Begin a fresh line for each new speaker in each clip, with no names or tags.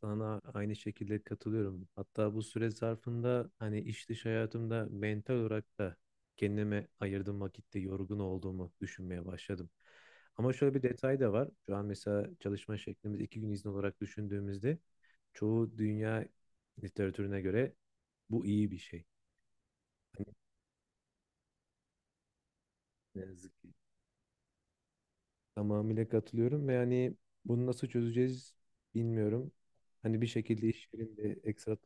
Sana aynı şekilde katılıyorum. Hatta bu süre zarfında hani iş dış hayatımda mental olarak da kendime ayırdığım vakitte yorgun olduğumu düşünmeye başladım. Ama şöyle bir detay da var. Şu an mesela çalışma şeklimiz iki gün izin olarak düşündüğümüzde çoğu dünya literatürüne göre bu iyi bir şey. Hani ne yazık ki. Tamamıyla katılıyorum ve hani bunu nasıl çözeceğiz bilmiyorum. Hani bir şekilde iş yerinde ekstra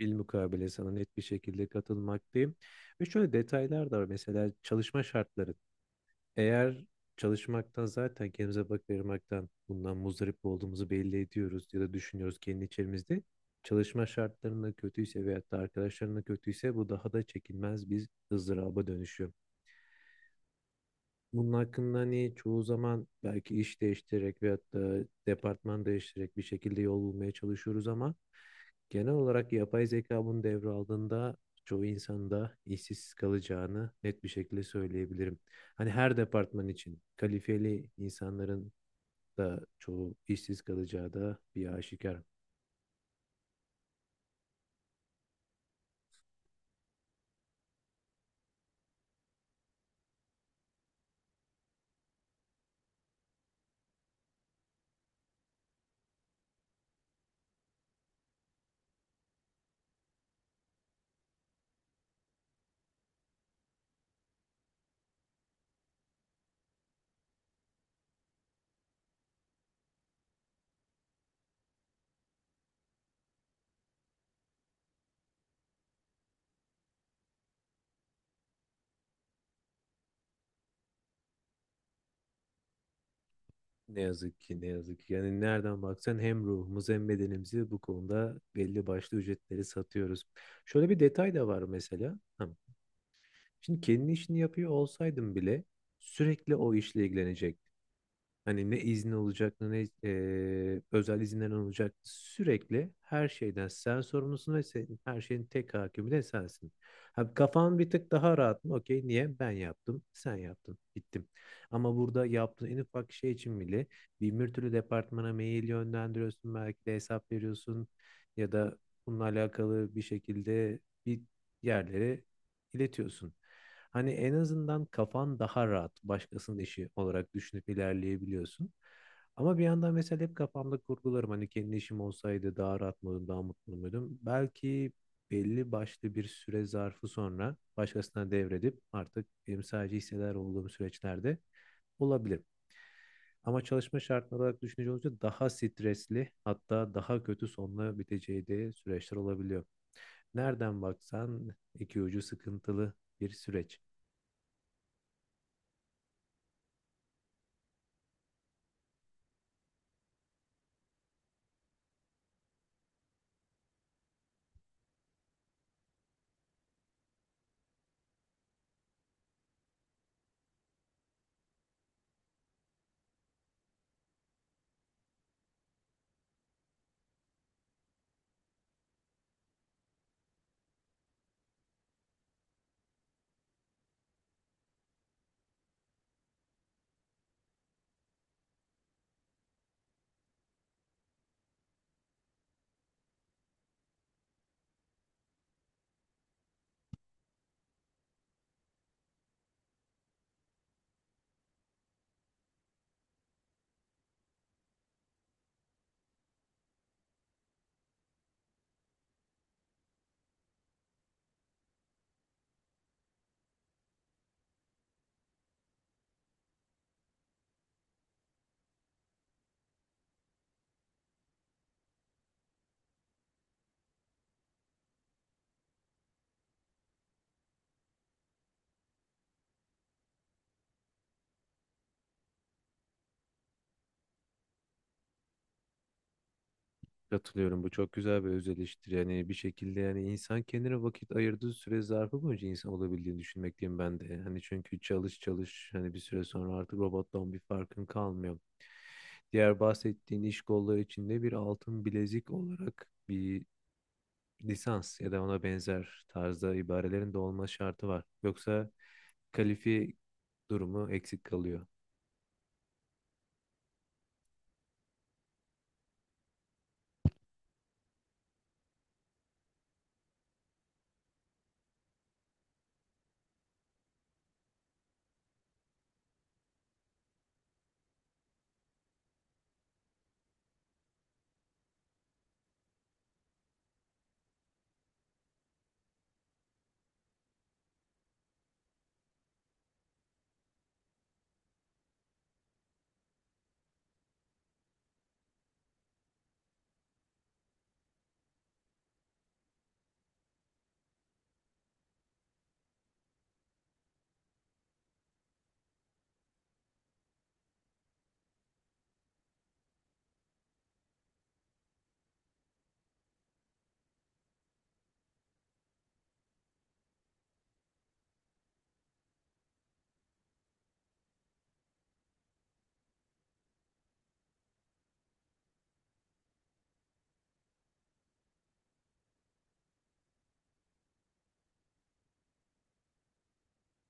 bilmukabele sana net bir şekilde katılmaktayım. Ve şöyle detaylar da var. Mesela çalışma şartları. Eğer çalışmaktan zaten kendimize vakit ayırmaktan bundan muzdarip olduğumuzu belli ediyoruz ya da düşünüyoruz kendi içerimizde. Çalışma şartlarının kötüyse veyahut da arkadaşlarının kötüyse bu daha da çekilmez bir ızdıraba dönüşüyor. Bunun hakkında hani çoğu zaman belki iş değiştirerek veyahut da departman değiştirerek bir şekilde yol bulmaya çalışıyoruz ama genel olarak yapay zeka bunu devraldığında çoğu insanda işsiz kalacağını net bir şekilde söyleyebilirim. Hani her departman için kalifeli insanların da çoğu işsiz kalacağı da bir aşikar. Ne yazık ki ne yazık ki. Yani nereden baksan hem ruhumuzu hem bedenimizi bu konuda belli başlı ücretleri satıyoruz. Şöyle bir detay da var mesela. Ha, şimdi kendi işini yapıyor olsaydım bile sürekli o işle ilgilenecek. Hani ne izni olacak ne özel izinler olacak. Sürekli her şeyden sen sorumlusun ve senin, her şeyin tek hakimi de sensin. Ha, kafan bir tık daha rahat mı? Okey niye? Ben yaptım, sen yaptın, bittim. Ama burada yaptığın en ufak şey için bile bin bir türlü departmana mail yönlendiriyorsun. Belki de hesap veriyorsun ya da bununla alakalı bir şekilde bir yerlere iletiyorsun. Hani en azından kafan daha rahat başkasının işi olarak düşünüp ilerleyebiliyorsun. Ama bir yandan mesela hep kafamda kurgularım hani kendi işim olsaydı daha rahat mıydım, daha mutlu muydum? Belki belli başlı bir süre zarfı sonra başkasına devredip artık benim sadece hissedar olduğum süreçlerde olabilir. Ama çalışma şartları olarak düşününce olunca daha stresli hatta daha kötü sonla biteceği de süreçler olabiliyor. Nereden baksan iki ucu sıkıntılı bir süreç. Katılıyorum. Bu çok güzel bir öz eleştiri. Yani bir şekilde yani insan kendine vakit ayırdığı süre zarfı boyunca insan olabildiğini düşünmekteyim ben de. Hani çünkü çalış çalış hani bir süre sonra artık robottan bir farkın kalmıyor. Diğer bahsettiğin iş kolları içinde bir altın bilezik olarak bir lisans ya da ona benzer tarzda ibarelerin de olma şartı var. Yoksa kalifi durumu eksik kalıyor.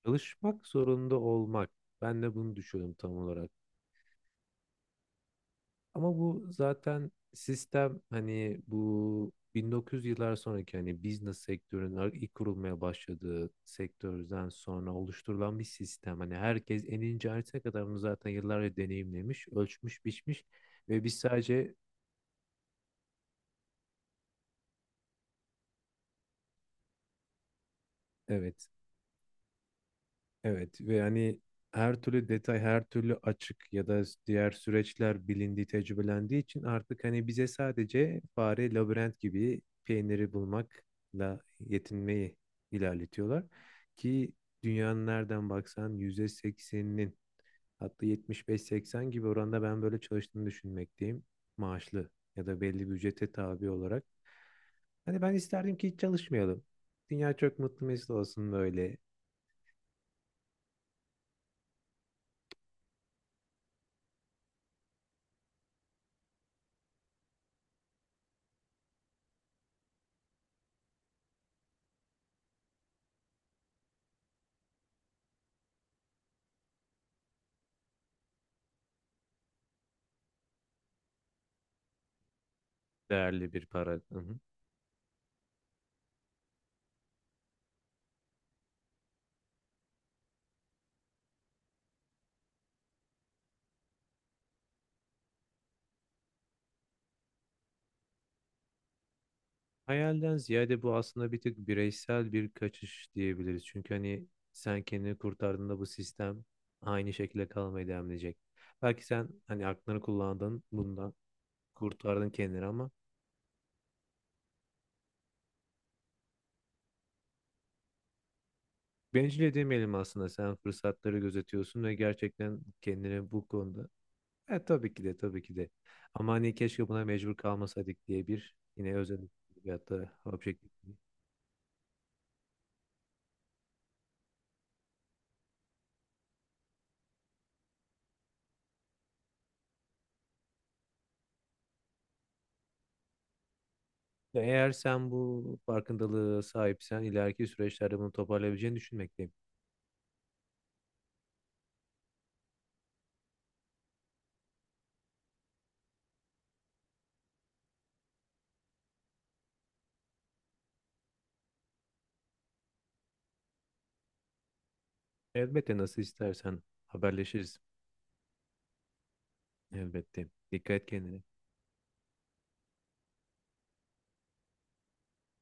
Çalışmak zorunda olmak. Ben de bunu düşünüyorum tam olarak. Ama bu zaten sistem hani bu 1900 yıllar sonraki hani business sektörün ilk kurulmaya başladığı sektörden sonra oluşturulan bir sistem. Hani herkes en ince ayrıntısına kadar bunu zaten yıllarca deneyimlemiş, ölçmüş, biçmiş ve biz sadece evet. Evet ve yani her türlü detay, her türlü açık ya da diğer süreçler bilindiği, tecrübelendiği için artık hani bize sadece fare, labirent gibi peyniri bulmakla yetinmeyi ilerletiyorlar. Ki dünyanın nereden baksan %80'in hatta 75-80 gibi oranda ben böyle çalıştığını düşünmekteyim. Maaşlı ya da belli bir ücrete tabi olarak. Hani ben isterdim ki hiç çalışmayalım. Dünya çok mutlu mesut olsun böyle değerli bir para. Hı hı. Hayalden ziyade bu aslında bir tık bireysel bir kaçış diyebiliriz. Çünkü hani sen kendini kurtardığında bu sistem aynı şekilde kalmaya devam edecek. Belki sen hani aklını kullandın, bundan kurtardın kendini ama bencil demeyelim aslında. Sen fırsatları gözetiyorsun ve gerçekten kendini bu konuda tabii ki de tabii ki de ama hani keşke buna mecbur kalmasaydık diye bir yine özel veyahut da objektif şey. Eğer sen bu farkındalığı sahipsen ileriki süreçlerde bunu toparlayabileceğini düşünmekteyim. Elbette nasıl istersen haberleşiriz. Elbette. Dikkat et kendine.